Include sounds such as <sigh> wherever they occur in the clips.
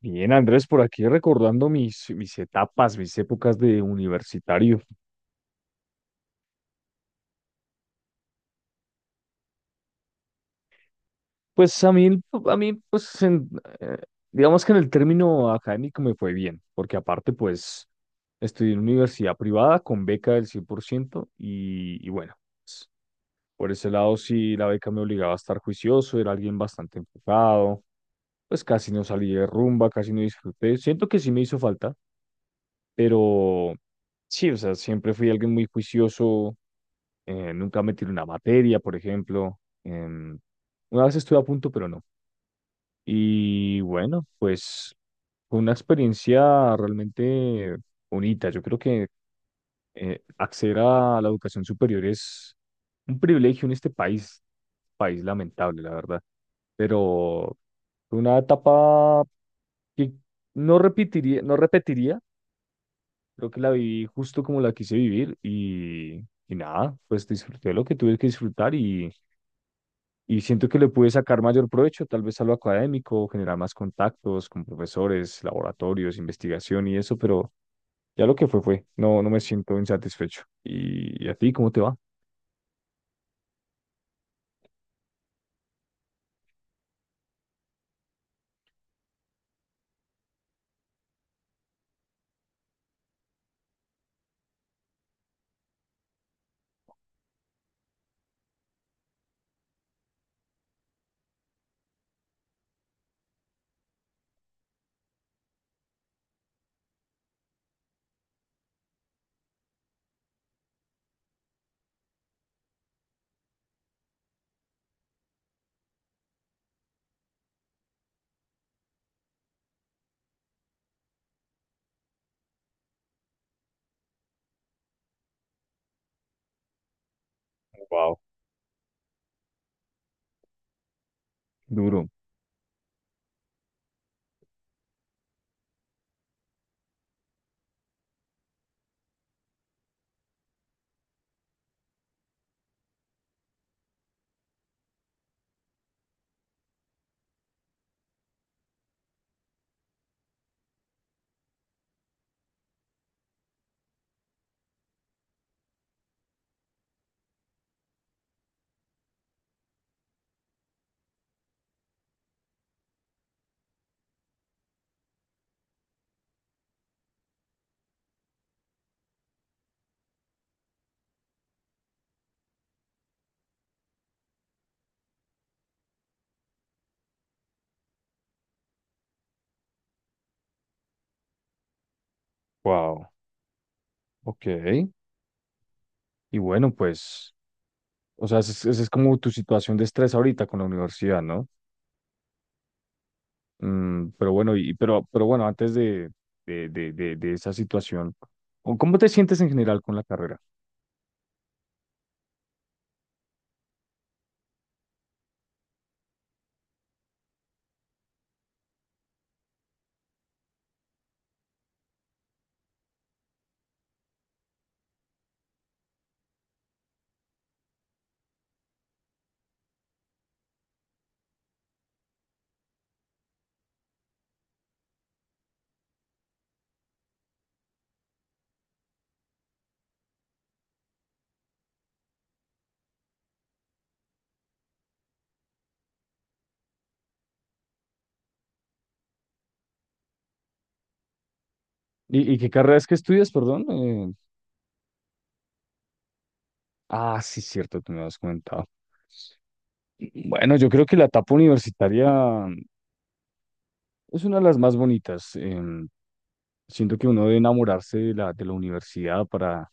Bien, Andrés, por aquí recordando mis etapas, mis épocas de universitario. Pues a mí, eh, digamos que en el término académico me fue bien, porque aparte, pues, estudié en universidad privada con beca del 100% y bueno, por ese lado sí la beca me obligaba a estar juicioso, era alguien bastante enfocado, pues casi no salí de rumba, casi no disfruté. Siento que sí me hizo falta, pero sí, o sea, siempre fui alguien muy juicioso nunca me tiré una materia, por ejemplo. Una vez estuve a punto, pero no. Y bueno, pues fue una experiencia realmente bonita. Yo creo que acceder a la educación superior es un privilegio en este país, país lamentable, la verdad. Pero fue una etapa que no repetiría, no repetiría. Creo que la viví justo como la quise vivir y nada, pues disfruté lo que tuve que disfrutar y siento que le pude sacar mayor provecho, tal vez a lo académico, generar más contactos con profesores, laboratorios, investigación y eso, pero ya lo que fue fue, no, no me siento insatisfecho. Y a ti cómo te va? Wow. Duro. Wow. Ok. Y bueno, pues, o sea, esa es como tu situación de estrés ahorita con la universidad, ¿no? Mm, pero bueno, y, pero bueno, antes de esa situación, ¿cómo cómo te sientes en general con la carrera? Y qué carrera es que estudias, perdón? Ah, sí, cierto, tú me has comentado. Bueno, yo creo que la etapa universitaria es una de las más bonitas. Siento que uno debe enamorarse de la universidad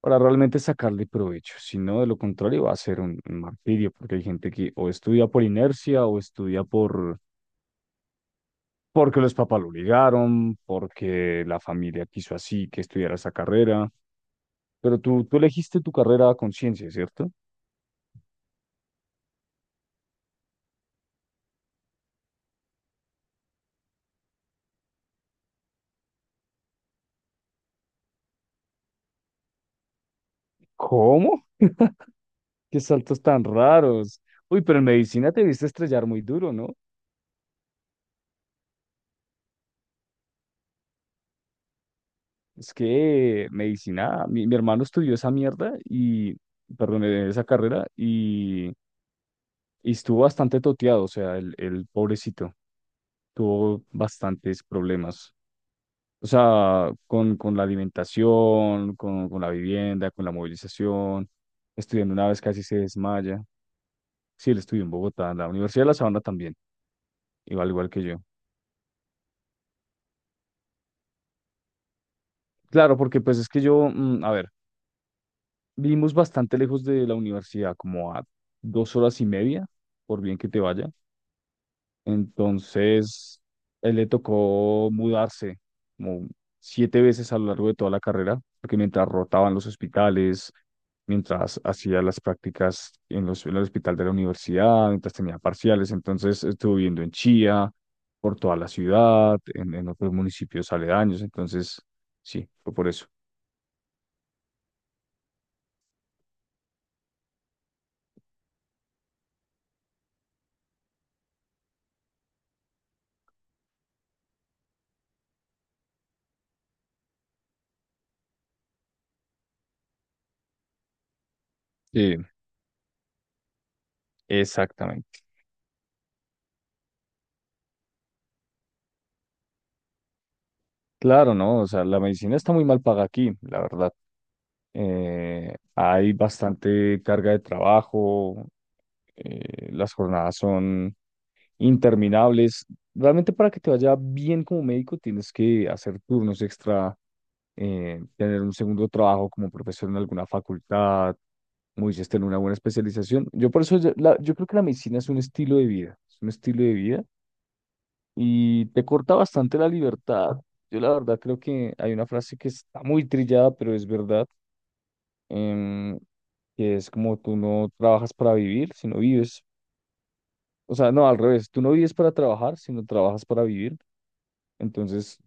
para realmente sacarle provecho. Si no, de lo contrario, va a ser un martirio, porque hay gente que o estudia por inercia o estudia por, porque los papás lo obligaron, porque la familia quiso así que estudiara esa carrera. Pero tú elegiste tu carrera a conciencia, ¿cierto? ¿Cómo? ¿Qué saltos tan raros? Uy, pero en medicina te viste estrellar muy duro, ¿no? Es que medicina, mi hermano estudió esa mierda y, perdón, esa carrera y estuvo bastante toteado, o sea, el pobrecito tuvo bastantes problemas. O sea, con la alimentación, con la vivienda, con la movilización. Estudiando una vez casi se desmaya. Sí, él estudió en Bogotá, en la Universidad de La Sabana también, igual, igual que yo. Claro, porque pues es que yo, mm, a ver, vivimos bastante lejos de la universidad, como a 2 horas y media, por bien que te vaya. Entonces, él le tocó mudarse como 7 veces a lo largo de toda la carrera, porque mientras rotaban los hospitales, mientras hacía las prácticas en, los, en el hospital de la universidad, mientras tenía parciales, entonces estuvo viviendo en Chía, por toda la ciudad, en otros municipios aledaños, entonces sí, fue por eso. Sí, exactamente. Claro, ¿no? O sea, la medicina está muy mal paga aquí, la verdad. Hay bastante carga de trabajo, las jornadas son interminables. Realmente para que te vaya bien como médico tienes que hacer turnos extra, tener un segundo trabajo como profesor en alguna facultad, como dices, tener una buena especialización. Yo por eso, yo creo que la medicina es un estilo de vida, es un estilo de vida y te corta bastante la libertad. Yo la verdad creo que hay una frase que está muy trillada, pero es verdad, em, que es como tú no trabajas para vivir, sino vives o sea, no, al revés, tú no vives para trabajar, sino trabajas para vivir. Entonces,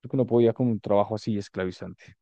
creo que no podía con un trabajo así esclavizante.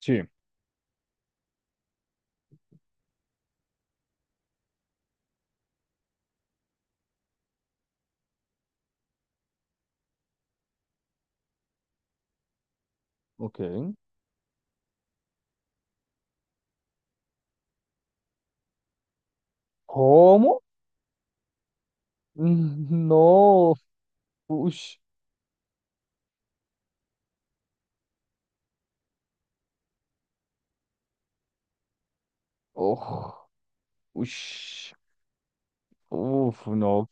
Sí, ok. ¿Cómo? <laughs> Mm, no, ush, oh, ush, uf, no,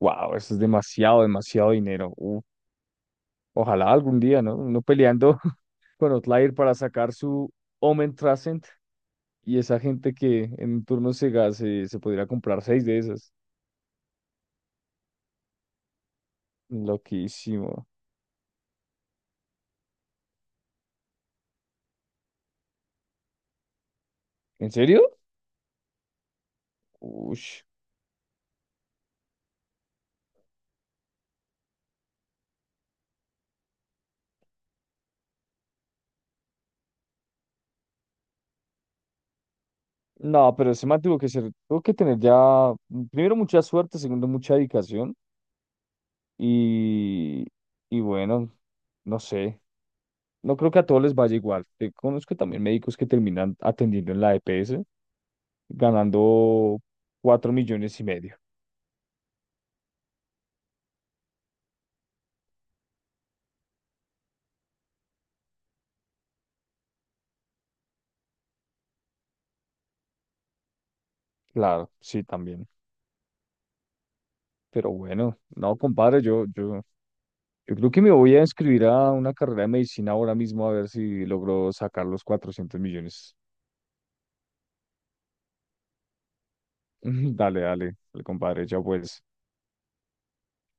wow, eso es demasiado, demasiado dinero. Uf, ojalá algún día, ¿no? Uno peleando <laughs> con Outlier para sacar su Omen Trascend y esa gente que en un turno se podría comprar seis de esas. Loquísimo. ¿En serio? Uy, no, pero ese man tuvo que ser, tuvo que tener ya, primero mucha suerte, segundo mucha dedicación y, y bueno, no sé, no creo que a todos les vaya igual. Te conozco también médicos que terminan atendiendo en la EPS ganando 4 millones y medio. Claro, sí, también. Pero bueno, no, compadre, yo creo que me voy a inscribir a una carrera de medicina ahora mismo a ver si logro sacar los 400 millones. <laughs> Dale, dale, dale, compadre, ya pues.